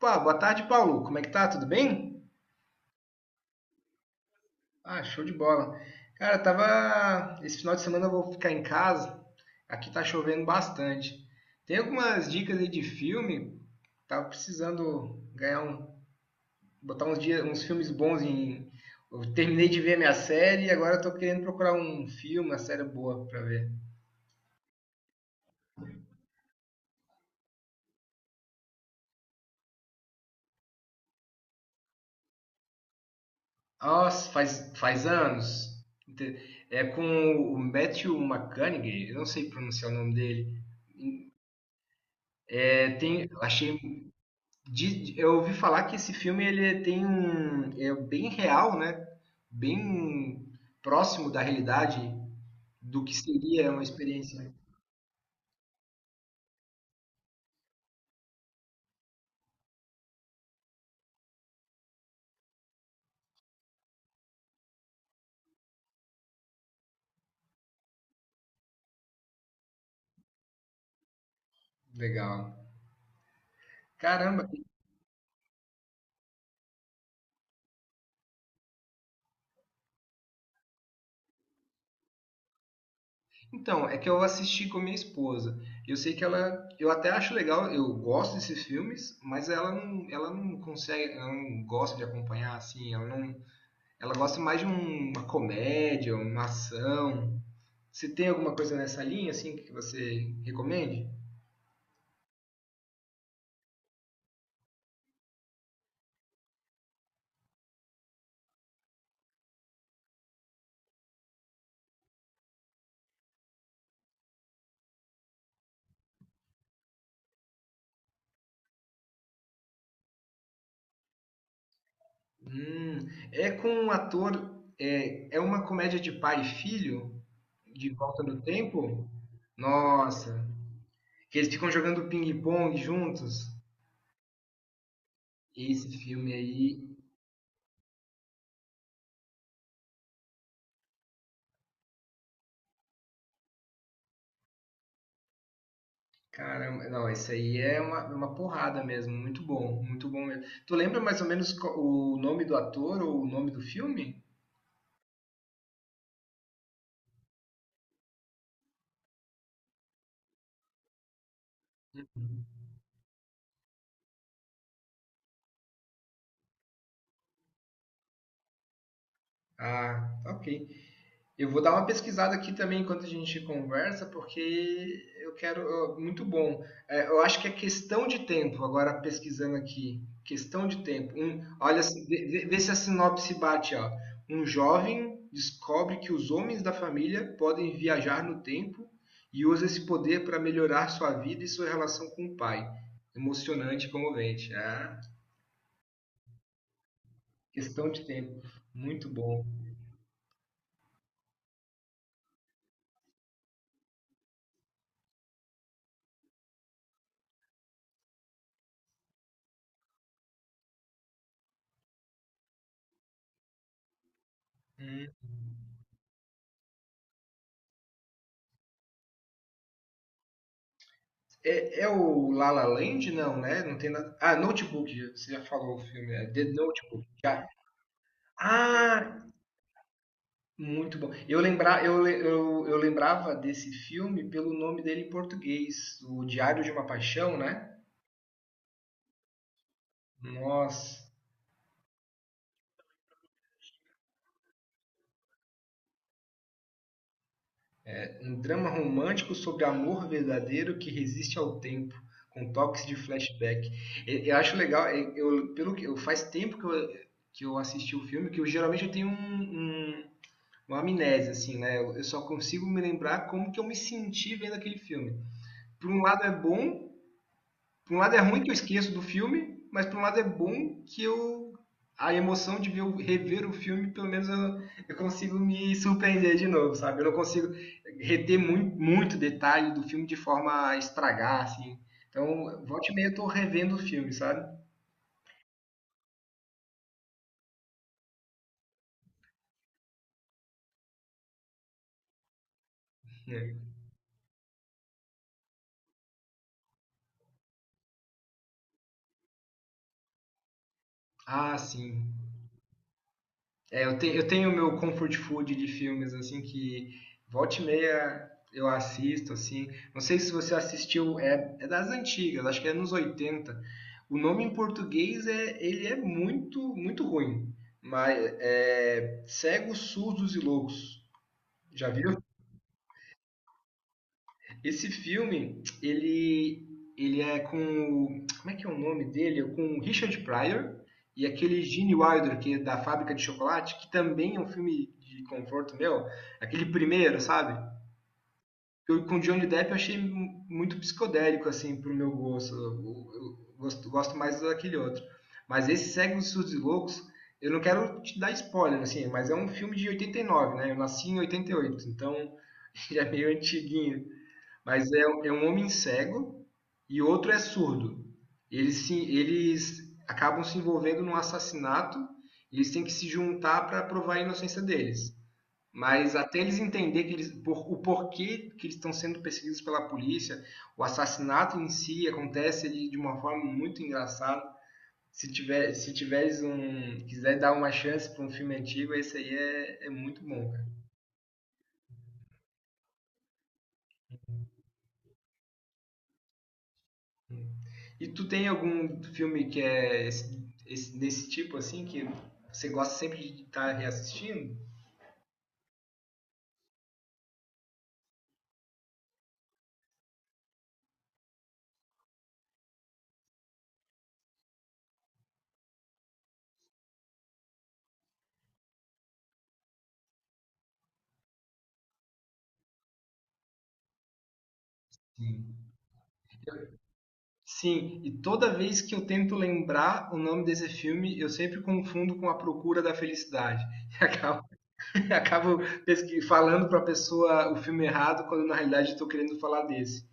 Pô, boa tarde, Paulo. Como é que tá? Tudo bem? Ah, show de bola. Cara, tava. Esse final de semana eu vou ficar em casa. Aqui tá chovendo bastante. Tem algumas dicas aí de filme. Tava precisando ganhar um, botar uns dias, uns filmes bons em. Eu terminei de ver minha série e agora eu tô querendo procurar um filme, uma série boa pra ver. Nossa, faz anos. Inte- É com o Matthew McConaughey, eu não sei pronunciar o nome dele. É, tem, achei. Eu ouvi falar que esse filme ele tem é bem real, né? Bem próximo da realidade do que seria uma experiência legal. Caramba. Então, é que eu assisti com minha esposa. Eu sei que ela, eu até acho legal, eu gosto desses filmes, mas ela não consegue, ela não gosta de acompanhar assim, ela não, ela gosta mais de uma comédia, uma ação. Você tem alguma coisa nessa linha assim que você recomende? Hum, é com um ator. É uma comédia de pai e filho? De volta no tempo? Nossa! Que eles ficam jogando ping-pong juntos. Esse filme aí. Caramba, não, esse aí é uma porrada mesmo. Muito bom mesmo. Tu lembra mais ou menos o nome do ator ou o nome do filme? Ah, ok. Eu vou dar uma pesquisada aqui também enquanto a gente conversa, porque eu quero. Muito bom. É, eu acho que é questão de tempo, agora pesquisando aqui. Questão de tempo. Olha, vê se a sinopse bate, ó. Um jovem descobre que os homens da família podem viajar no tempo e usa esse poder para melhorar sua vida e sua relação com o pai. Emocionante e comovente. Ah, questão de tempo. Muito bom. Hum. É o La La Land? Não, né? Não tem nada. Ah, Notebook, você já falou o filme, é The Notebook. Já. Ah, muito bom. Eu, lembra, eu, le- eu lembrava desse filme pelo nome dele em português, O Diário de uma Paixão, né? Nossa, um drama romântico sobre amor verdadeiro que resiste ao tempo, com toques de flashback. Eu acho legal, e- eu, pelo que, eu, faz tempo que eu assisti o filme, que eu geralmente eu tenho um, um uma amnésia, assim, né? Eu só consigo me lembrar como que eu me senti vendo aquele filme. Por um lado é bom, por um lado é ruim que eu esqueço do filme, mas por um lado é bom que eu a emoção de ver, rever o filme, pelo menos eu consigo me surpreender de novo, sabe? Eu não consigo reter muito, muito detalhe do filme de forma a estragar, assim. Então, volta e meia eu tô revendo o filme, sabe? É. Ah, sim. É, eu tenho o meu comfort food de filmes, assim, que volta e meia eu assisto, assim. Não sei se você assistiu, é, é das antigas, acho que é nos 80. O nome em português é, ele é muito, muito ruim. Mas é Cegos, Surdos e Loucos. Já viu? Esse filme, ele é com. Como é que é o nome dele? É com o Richard Pryor e aquele Gene Wilder, que é da Fábrica de Chocolate, que também é um filme de conforto meu. Aquele primeiro, sabe? Eu, com o Johnny Depp eu achei muito psicodélico, assim, pro meu gosto. Eu gosto mais daquele outro. Mas esse Segue os Surdos e Loucos, eu não quero te dar spoiler, assim, mas é um filme de 89, né? Eu nasci em 88, então já é meio antiguinho. Mas é um homem cego e outro é surdo. Eles acabam se envolvendo num assassinato, eles têm que se juntar para provar a inocência deles. Mas até eles entenderem que eles, por, o porquê que eles estão sendo perseguidos pela polícia, o assassinato em si acontece de uma forma muito engraçada. Se tiver, se tiveres quiser dar uma chance para um filme antigo, esse aí é muito bom. E tu tem algum filme que é desse tipo, assim, que você gosta sempre de estar reassistindo? Sim. Sim, e toda vez que eu tento lembrar o nome desse filme, eu sempre confundo com A Procura da Felicidade. E acabo, falando para a pessoa o filme errado, quando na realidade estou querendo falar desse.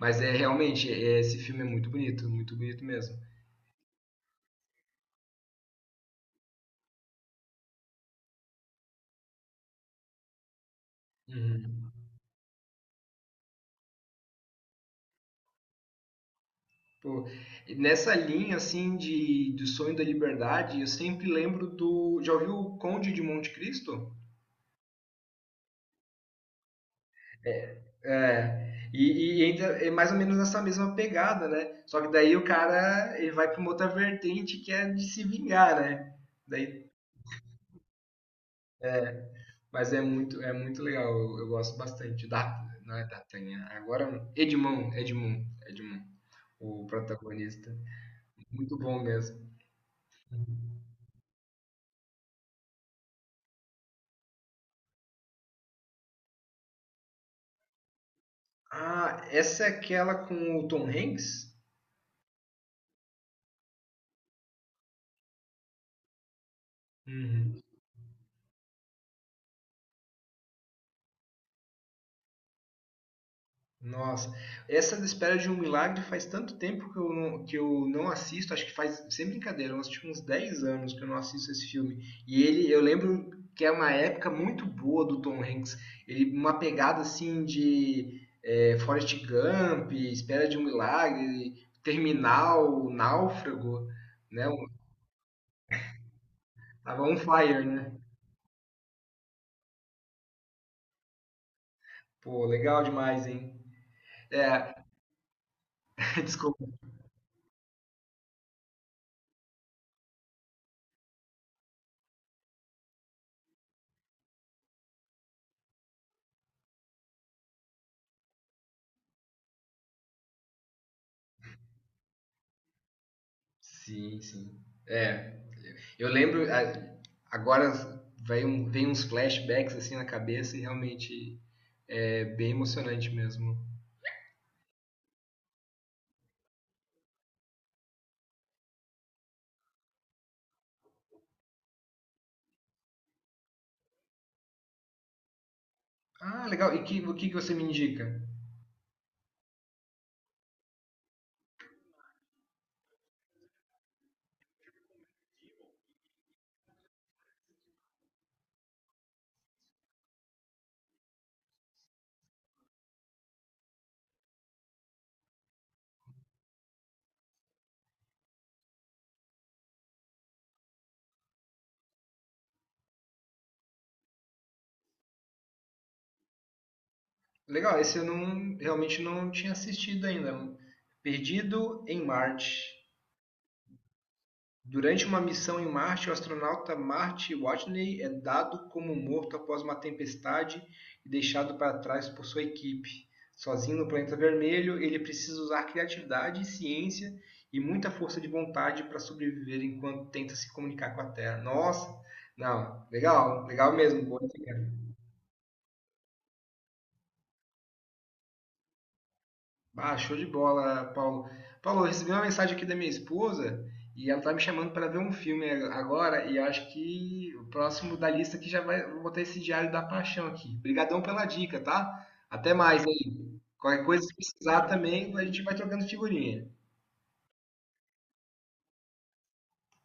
Mas é realmente, é, esse filme é muito bonito mesmo. Uhum. Pô, nessa linha assim de do sonho da liberdade, eu sempre lembro do, já ouviu o Conde de Monte Cristo? É, e ainda é mais ou menos nessa mesma pegada, né? Só que daí o cara ele vai para uma outra vertente que é de se vingar, né? Daí, mas é muito legal, eu gosto bastante da, não é D'Artagnan, agora é um Edmond, o protagonista, muito bom mesmo. Ah, essa é aquela com o Tom Hanks? Uhum. Nossa, essa da Espera de um Milagre faz tanto tempo que eu não assisto, acho que faz, sem brincadeira, eu acho uns 10 anos que eu não assisto esse filme. E ele, eu lembro que é uma época muito boa do Tom Hanks, ele uma pegada assim de é, Forrest Gump, Espera de um Milagre, Terminal, Náufrago, né? Tava on fire, né? Pô, legal demais, hein? É, desculpa. Sim, sim. É, eu lembro, é, agora vem uns flashbacks assim na cabeça e realmente é bem emocionante mesmo. Ah, legal. O que que você me indica? Legal, esse eu não, realmente não tinha assistido ainda. Perdido em Marte. Durante uma missão em Marte, o astronauta Marty Watney é dado como morto após uma tempestade e deixado para trás por sua equipe. Sozinho no planeta vermelho, ele precisa usar criatividade, ciência e muita força de vontade para sobreviver enquanto tenta se comunicar com a Terra. Nossa, não, legal, legal mesmo, boa dica. Ah, show de bola, Paulo. Paulo, eu recebi uma mensagem aqui da minha esposa e ela tá me chamando para ver um filme agora e eu acho que o próximo da lista aqui já vai, vou botar esse Diário da Paixão aqui. Obrigadão pela dica, tá? Até mais aí. Qualquer coisa que precisar também, a gente vai trocando figurinha.